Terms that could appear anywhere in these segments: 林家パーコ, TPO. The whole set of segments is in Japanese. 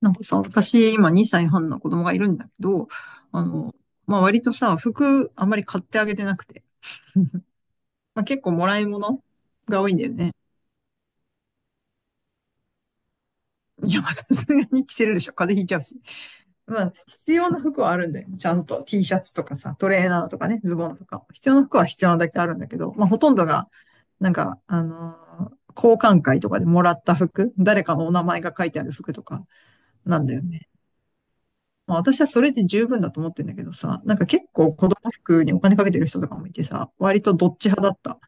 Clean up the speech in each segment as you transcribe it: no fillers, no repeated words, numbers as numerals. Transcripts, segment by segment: なんかさ、私、今2歳半の子供がいるんだけど、あの、まあ、割とさ、服あんまり買ってあげてなくて、まあ、結構もらい物が多いんだよね。いや、まあ、さすがに着せるでしょ。風邪ひいちゃうし。まあ、必要な服はあるんだよ。ちゃんと T シャツとかさ、トレーナーとかね、ズボンとか。必要な服は必要なだけあるんだけど、まあ、ほとんどが、なんか、あの交換会とかでもらった服、誰かのお名前が書いてある服とかなんだよね。まあ私はそれで十分だと思ってんだけどさ、なんか結構子供服にお金かけてる人とかもいてさ、割とどっち派だった。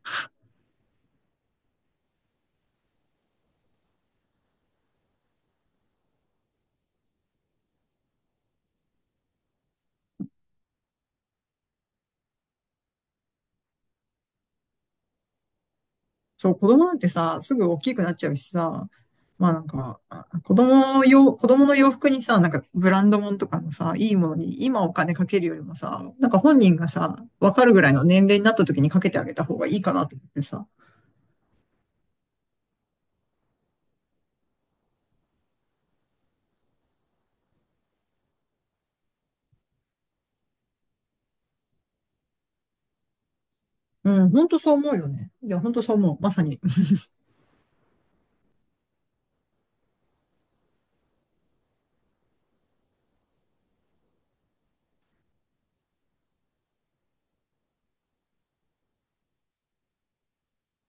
そう、子供なんてさ、すぐ大きくなっちゃうしさ、まあなんか、子供の洋服にさ、なんかブランド物とかのさ、いいものに今お金かけるよりもさ、なんか本人がさ、わかるぐらいの年齢になった時にかけてあげた方がいいかなと思ってさ。うん、ほんとそう思うよね。いや、ほんとそう思う。まさに。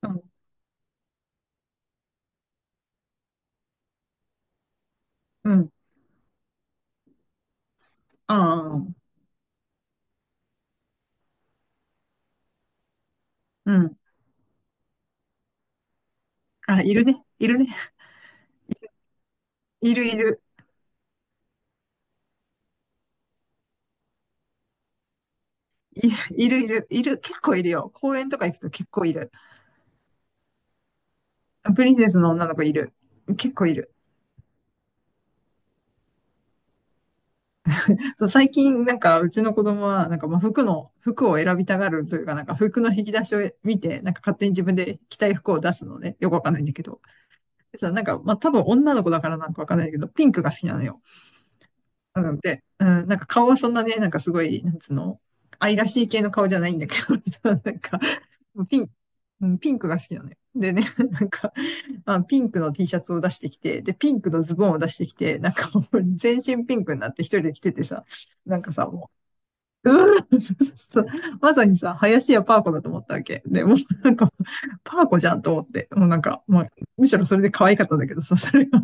うん、うん、ああ、うん。あ、いるね。いるね。いるいる。い、いるいる、いる、結構いるよ。公園とか行くと結構いる。プリンセスの女の子いる。結構いる。そう、最近、なんか、うちの子供は、なんか、まあ、服を選びたがるというか、なんか、服の引き出しを見て、なんか、勝手に自分で着たい服を出すのね。よくわかんないんだけど。でさ、なんか、まあ、多分女の子だからなんかわかんないけど、ピンクが好きなのよ。なので、うん、なんか、顔はそんなね、なんか、すごい、なんつうの、愛らしい系の顔じゃないんだけど、ピン、うん、ピンクが好きなのよ。でね、なんか、まあ、ピンクの T シャツを出してきて、で、ピンクのズボンを出してきて、なんかもう全身ピンクになって一人で着ててさ、なんかさ、もう、うーんそうそうそうまさにさ、林家パーコだと思ったわけ。で、もうなんか、パーコじゃんと思って、もうなんか、まあ、むしろそれで可愛かったんだけどさ、それが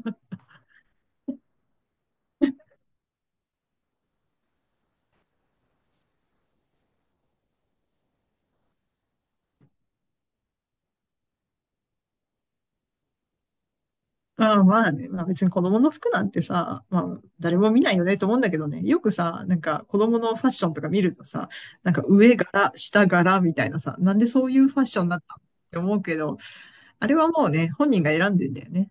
まあまあね、まあ別に子供の服なんてさ、まあ誰も見ないよねと思うんだけどね、よくさ、なんか子供のファッションとか見るとさ、なんか上柄、下柄みたいなさ、なんでそういうファッションになったのって思うけど、あれはもうね、本人が選んでんだよね。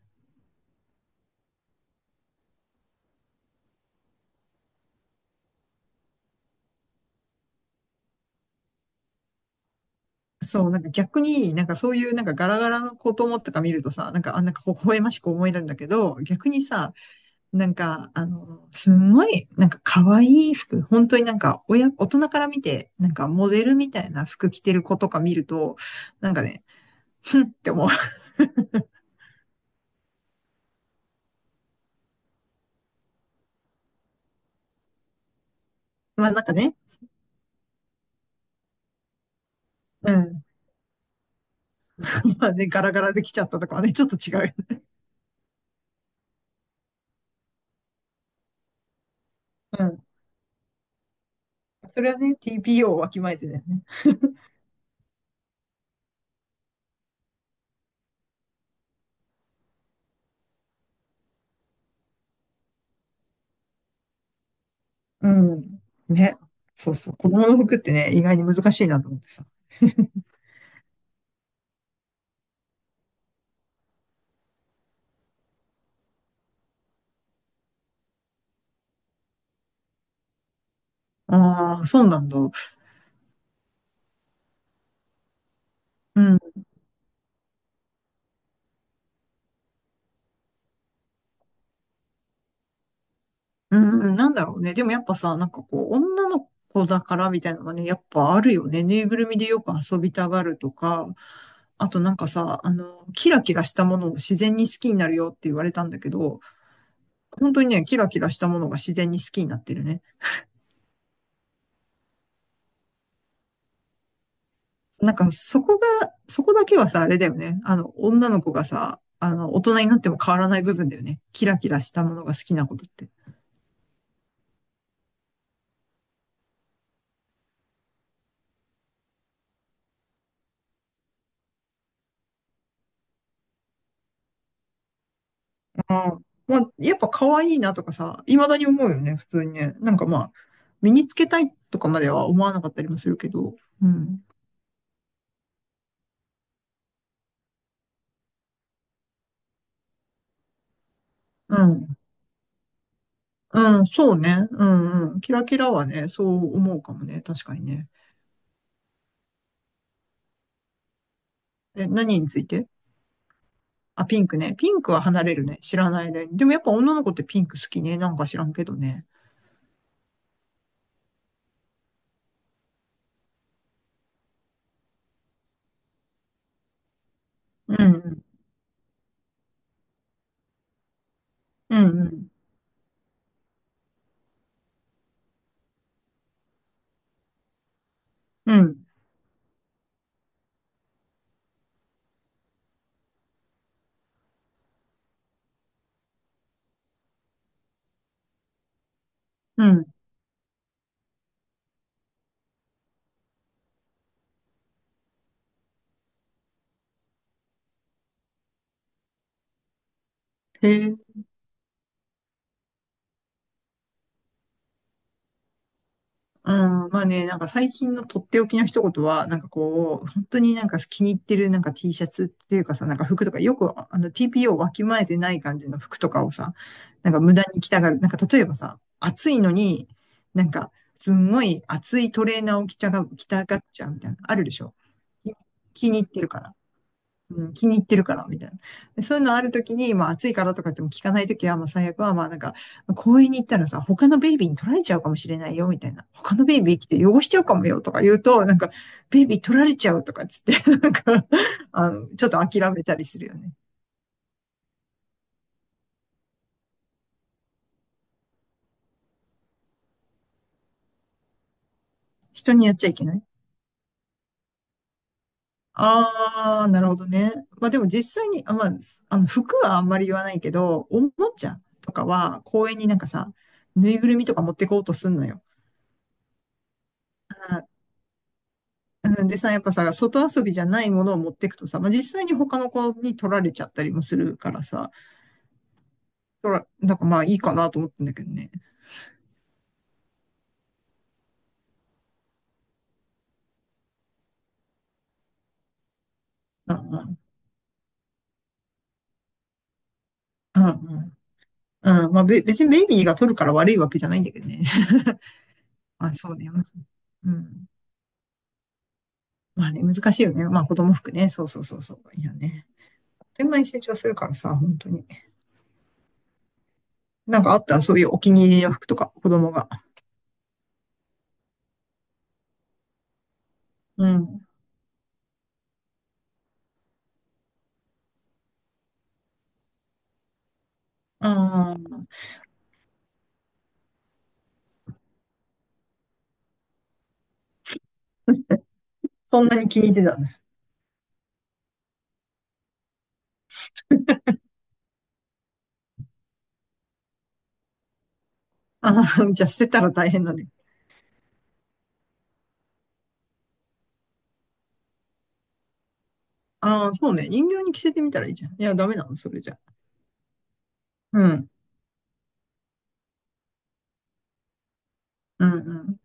そう、なんか逆に、なんかそういうなんかガラガラの子供とか見るとさ、なんか微笑ましく思えるんだけど、逆にさ、なんか、あの、すんごい、なんか可愛い服、本当になんか、親、大人から見て、なんかモデルみたいな服着てる子とか見ると、なんかね、ふんって思う。まあなんかね、うん。まあね、ガラガラできちゃったとかはね、ちょっと違うよね。うん。それはね、TPO をわきまえてだよね。うん。ね。そうそう。子供の服ってね、意外に難しいなと思ってさ。ああ、そうなんだ。うん。うん、なんだろうね。でもやっぱさ、なんかこう、女の子だからみたいなのがね、やっぱあるよね。ぬいぐるみでよく遊びたがるとか、あとなんかさ、あの、キラキラしたものを自然に好きになるよって言われたんだけど、本当にね、キラキラしたものが自然に好きになってるね。なんかそこが、そこだけはさ、あれだよね。あの、女の子がさ、あの、大人になっても変わらない部分だよね。キラキラしたものが好きなことって。あまあ、やっぱ可愛いなとかさ、未だに思うよね、普通にね。なんかまあ、身につけたいとかまでは思わなかったりもするけど。うん。うん。うん、そうね。うんうん。キラキラはね、そう思うかもね。確かにね。え、何について？あ、ピンクね。ピンクは離れるね。知らない間に。でもやっぱ女の子ってピンク好きね。なんか知らんけどね。うんうん。うんうん。うん。うん。へえ。うん、まあね、なんか最近のとっておきの一言は、なんかこう、本当になんか気に入ってるなんか T シャツっていうかさ、なんか服とか、よくあの TPO をわきまえてない感じの服とかをさ、なんか無駄に着たがる。なんか例えばさ、暑いのに、なんかすんごい暑いトレーナーを着たがっちゃうみたいな、あるでしょ気に入ってるから。うん、気に入ってるから、みたいな。でそういうのあるときに、まあ暑いからとかっても聞かないときは、まあ最悪は、まあなんか、公園に行ったらさ、他のベイビーに取られちゃうかもしれないよ、みたいな。他のベイビー来て汚しちゃうかもよ、とか言うと、なんか、ベイビー取られちゃうとかっつって、なんか、あの、ちょっと諦めたりするよね。人にやっちゃいけない。ああ、なるほどね。まあでも実際に、あまあ、あの、服はあんまり言わないけど、おもちゃとかは公園になんかさ、ぬいぐるみとか持ってこうとすんのよ。うんでさ、やっぱさ、外遊びじゃないものを持ってくとさ、まあ、実際に他の子に取られちゃったりもするからさ、なんかまあいいかなと思ってんだけどね。うんうん。うんうん。うん。まあべ、別にベイビーが取るから悪いわけじゃないんだけどね。まあ、そうね。まあそううん。まあね、難しいよね。まあ子供服ね。そうそうそうそう。いやね。あっという間に成長するからさ、本当に。なんかあったそういうお気に入りの服とか、子供が。うん。ああ、そんなに気に入ってたんだ。ああ、じゃあ捨てたら大変だね。ああ、そうね。人形に着せてみたらいいじゃん。いや、ダメなの、それじゃ。うん。うん、うん。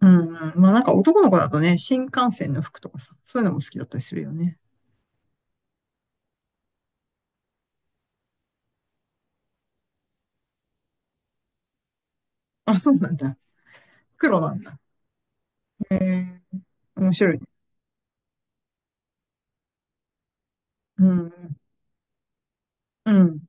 うん、うん。まあなんか男の子だとね、新幹線の服とかさ、そういうのも好きだったりするよね。あ、そうなんだ。黒なんだ。へえ、面白いね。うん。うん。